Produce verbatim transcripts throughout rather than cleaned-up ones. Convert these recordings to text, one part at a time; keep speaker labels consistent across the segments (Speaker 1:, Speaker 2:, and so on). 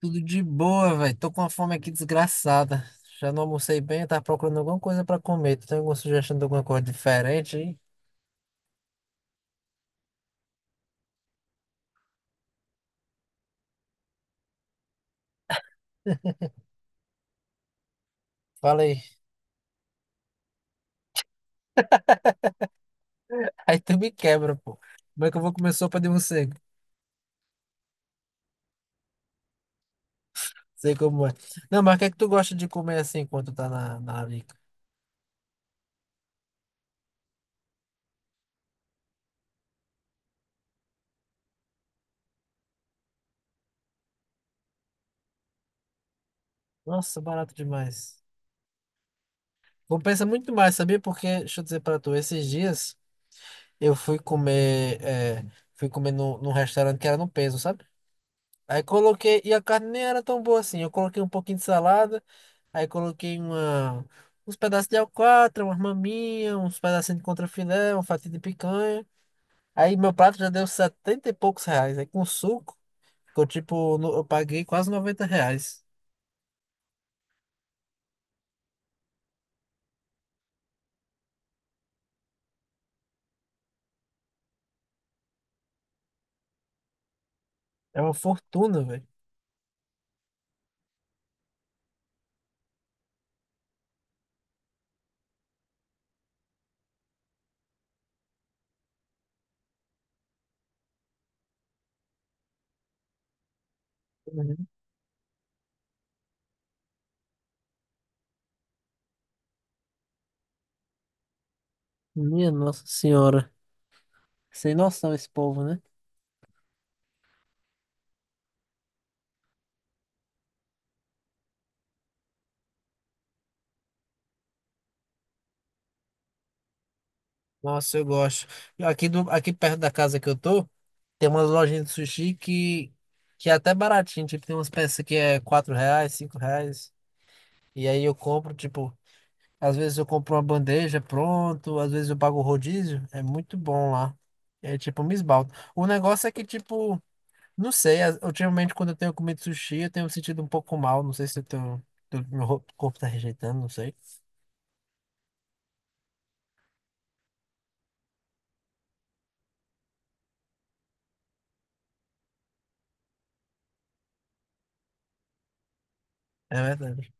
Speaker 1: Tudo de boa, velho. Tô com uma fome aqui desgraçada. Já não almocei bem, eu tava procurando alguma coisa pra comer. Tu tem alguma sugestão de alguma coisa diferente aí? Fala aí. Aí tu me quebra, pô. Como é que eu vou comer sopa de morcego? Sei como é. Não, mas o que é que tu gosta de comer assim enquanto tá na, na larica? Nossa, barato demais. Compensa muito mais, sabia? Porque, deixa eu dizer pra tu, esses dias eu fui comer, é, fui comer num num restaurante que era no peso, sabe? Aí coloquei, e a carne nem era tão boa assim. Eu coloquei um pouquinho de salada, aí coloquei uma, uns pedaços de alcatra, umas maminhas, uns pedacinhos de contrafilé, uma fatia de picanha. Aí meu prato já deu setenta e poucos reais. Aí com suco, ficou tipo, no- eu paguei quase noventa reais. É uma fortuna, velho. Uhum. Minha Nossa Senhora. Sem noção esse povo, né? Nossa, eu gosto. Aqui, do, aqui perto da casa que eu tô, tem umas lojinhas de sushi que, que é até baratinho. Tipo, tem umas peças que é quatro reais, cinco reais. E aí eu compro, tipo, às vezes eu compro uma bandeja pronto, às vezes eu pago o rodízio. É muito bom lá. É tipo, me esbalto. O negócio é que, tipo, não sei, as- ultimamente quando eu tenho comido sushi, eu tenho me sentido um pouco mal. Não sei se eu tenho, eu- meu ro- corpo tá rejeitando, não sei. É verdade.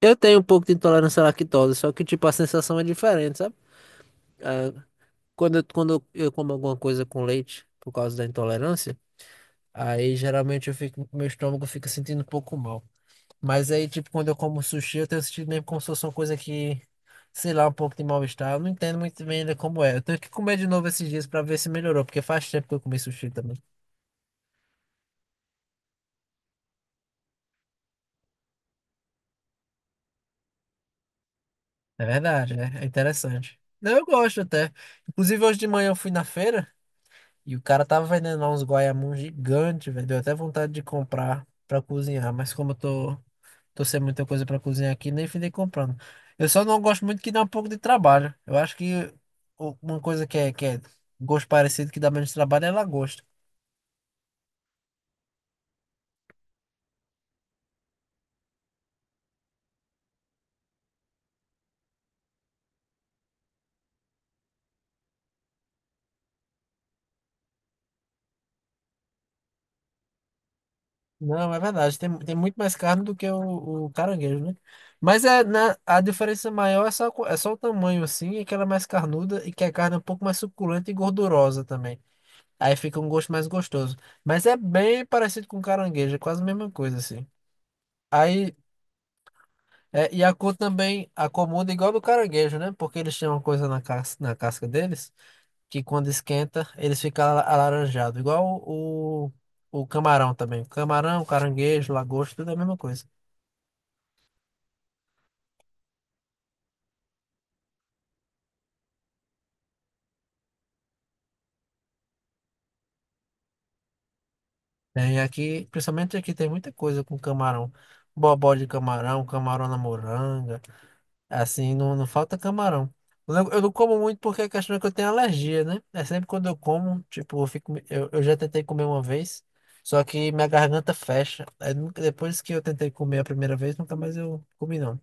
Speaker 1: Eu tenho um pouco de intolerância à lactose, só que, tipo, a sensação é diferente, sabe? Ah, quando, eu- quando eu como alguma coisa com leite por causa da intolerância, aí geralmente eu fico, meu estômago fica sentindo um pouco mal. Mas aí, tipo, quando eu como sushi, eu tenho sentido mesmo como se fosse uma coisa que, sei lá, um pouco de mal-estar. Eu não entendo muito bem ainda como é. Eu tenho que comer de novo esses dias pra ver se melhorou, porque faz tempo que eu comi sushi também. É verdade, né? É interessante. Não, eu gosto até. Inclusive, hoje de manhã eu fui na feira e o cara tava vendendo lá uns guaiamuns gigantes, velho. Deu até vontade de comprar pra cozinhar, mas como eu tô. Tô sem muita coisa pra cozinhar aqui, nem finei comprando. Eu só não gosto muito que dá um pouco de trabalho. Eu acho que o- uma coisa que é, que é gosto parecido que dá menos trabalho é lagosta. Não, é verdade. Tem, tem muito mais carne do que o, o caranguejo, né? Mas é, na, a diferença maior é só, co- é só o tamanho, assim, e que ela é mais carnuda e que a carne é um pouco mais suculenta e gordurosa também. Aí fica um gosto mais gostoso. Mas é bem parecido com caranguejo, é quase a mesma coisa, assim. Aí. É, e a cor também, a comunda é igual do caranguejo, né? Porque eles têm uma coisa na casca, na casca deles, que quando esquenta, eles ficam ala- alaranjados. Igual o, o camarão também. Camarão, caranguejo, lagosta, tudo é a mesma coisa. Tem aqui, principalmente aqui, tem muita coisa com camarão. Bobó de camarão, camarão na moranga. Assim, não, não falta camarão. Eu não, eu não como muito porque a questão é que eu tenho alergia, né? É sempre quando eu como, tipo, eu fico, eu, eu já tentei comer uma vez, só que minha garganta fecha. Aí nunca- depois que eu tentei comer a primeira vez, nunca mais eu comi, não.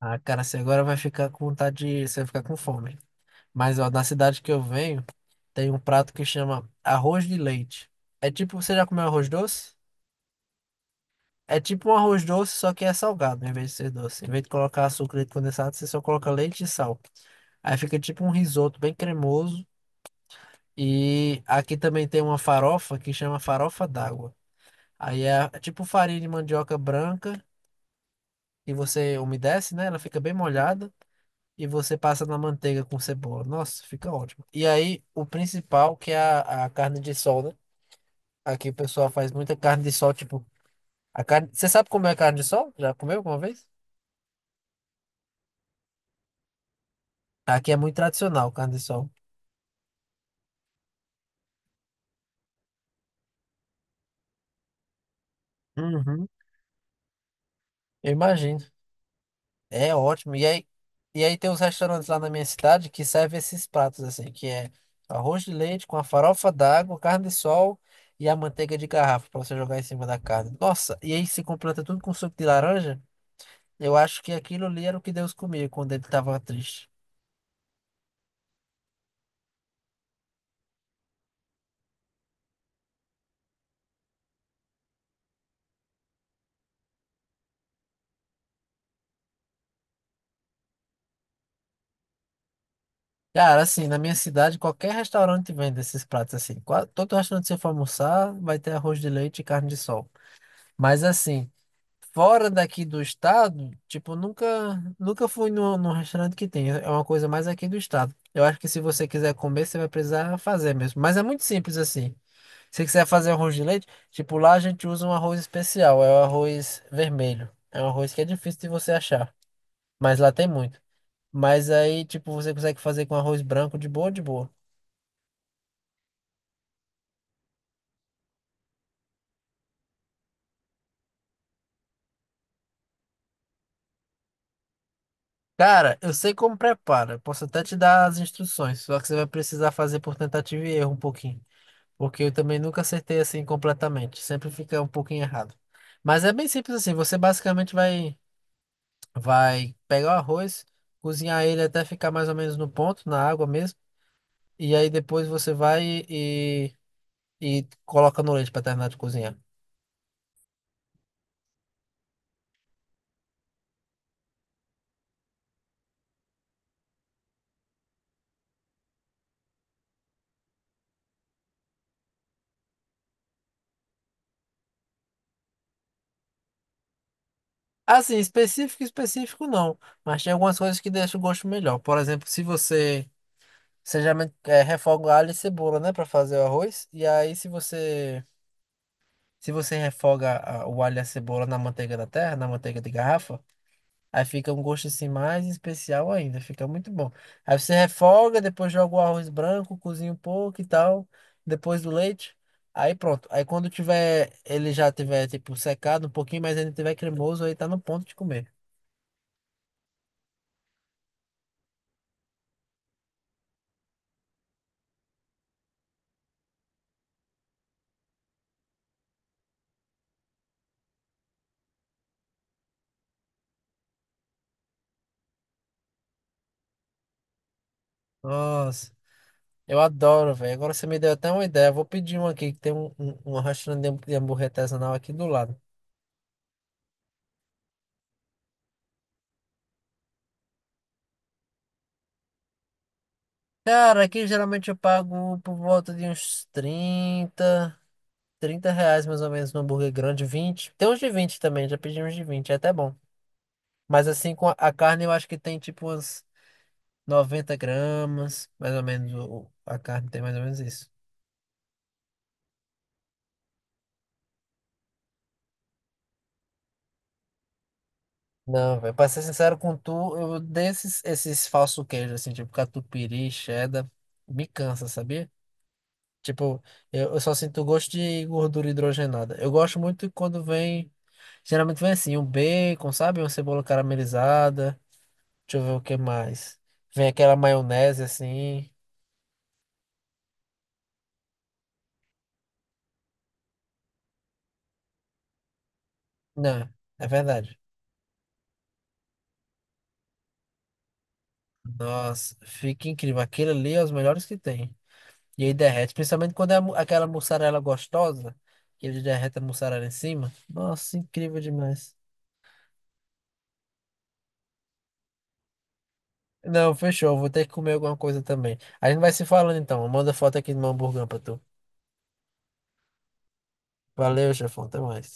Speaker 1: Ah, cara, você agora vai ficar com vontade de, você vai ficar com fome. Mas, ó, na cidade que eu venho, tem um prato que chama arroz de leite. É tipo, você já comeu arroz doce? É tipo um arroz doce, só que é salgado, em vez de ser doce. Em vez de colocar açúcar e leite condensado, você só coloca leite e sal. Aí fica tipo um risoto bem cremoso. E aqui também tem uma farofa que chama farofa d'água. Aí é tipo farinha de mandioca branca e você umedece, né? Ela fica bem molhada e você passa na manteiga com cebola. Nossa, fica ótimo. E aí o principal que é a, a carne de sol, né? Aqui o pessoal faz muita carne de sol, tipo, a carne... Você sabe como é carne de sol? Já comeu alguma vez? Aqui é muito tradicional o carne de sol. Uhum. Eu imagino. É ótimo. E aí, e aí tem uns restaurantes lá na minha cidade que servem esses pratos, assim, que é arroz de leite com a farofa d'água, carne de sol e a manteiga de garrafa para você jogar em cima da carne. Nossa, e aí se completa tudo com suco de laranja. Eu acho que aquilo ali era o que Deus comia quando ele estava triste. Cara, assim, na minha cidade, qualquer restaurante vende esses pratos assim. Qua- Todo restaurante que você for almoçar vai ter arroz de leite e carne de sol. Mas assim. Fora daqui do estado, tipo, nunca, nunca fui no, no restaurante que tem. É uma coisa mais aqui do estado. Eu acho que se você quiser comer, você vai precisar fazer mesmo. Mas é muito simples assim. Se você quiser fazer arroz de leite, tipo, lá a gente usa um arroz especial, é o arroz vermelho. É um arroz que é difícil de você achar, mas lá tem muito. Mas aí, tipo, você consegue fazer com arroz branco de boa, de boa. Cara, eu sei como prepara. Eu posso até te dar as instruções, só que você vai precisar fazer por tentativa e erro um pouquinho. Porque eu também nunca acertei assim completamente. Sempre fica um pouquinho errado. Mas é bem simples assim. Você basicamente vai, vai pegar o arroz, cozinhar ele até ficar mais ou menos no ponto, na água mesmo. E aí depois você vai e, e coloca no leite para terminar de cozinhar. Assim, específico, específico não. Mas tem algumas coisas que deixam o gosto melhor. Por exemplo, se você, você geralmente eh, refoga alho e cebola, né, para fazer o arroz. E aí se você, se você refoga a- o alho e a cebola na manteiga da terra, na manteiga de garrafa, aí fica um gosto assim mais especial ainda, fica muito bom. Aí você refoga, depois joga o arroz branco, cozinha um pouco e tal, depois do leite. Aí pronto. Aí quando tiver, ele já tiver tipo secado um pouquinho, mas ainda tiver cremoso, aí tá no ponto de comer. Nossa, eu adoro, velho. Agora você me deu até uma ideia. Eu vou pedir um aqui, que tem um, um, um restaurante de hambú- de hambúrguer artesanal aqui do lado. Cara, aqui geralmente eu pago por volta de uns trinta, trinta reais mais ou menos no hambúrguer grande. Vinte, tem uns de vinte também, já pedi uns de vinte, é até bom. Mas assim, com a, a carne eu acho que tem tipo umas noventa gramas, mais ou menos, o, o- a carne tem mais ou menos isso. Não, velho, pra ser sincero com tu, eu odeio esses, esses falsos queijos, assim, tipo catupiry, cheddar, me cansa, sabia? Tipo, eu, eu só sinto gosto de gordura hidrogenada. Eu gosto muito quando vem, geralmente vem assim, um bacon, sabe? Uma cebola caramelizada. Deixa eu ver o que mais. Vem aquela maionese assim. Não, é verdade. Nossa, fica incrível. Aquilo ali é os melhores que tem. E aí derrete, principalmente quando é a mu- aquela mussarela gostosa, que ele derrete a mussarela em cima. Nossa, incrível demais. Não, fechou. Vou ter que comer alguma coisa também. A gente vai se falando então. Manda foto aqui do meu hamburgão pra tu. Valeu, chefão. Até mais.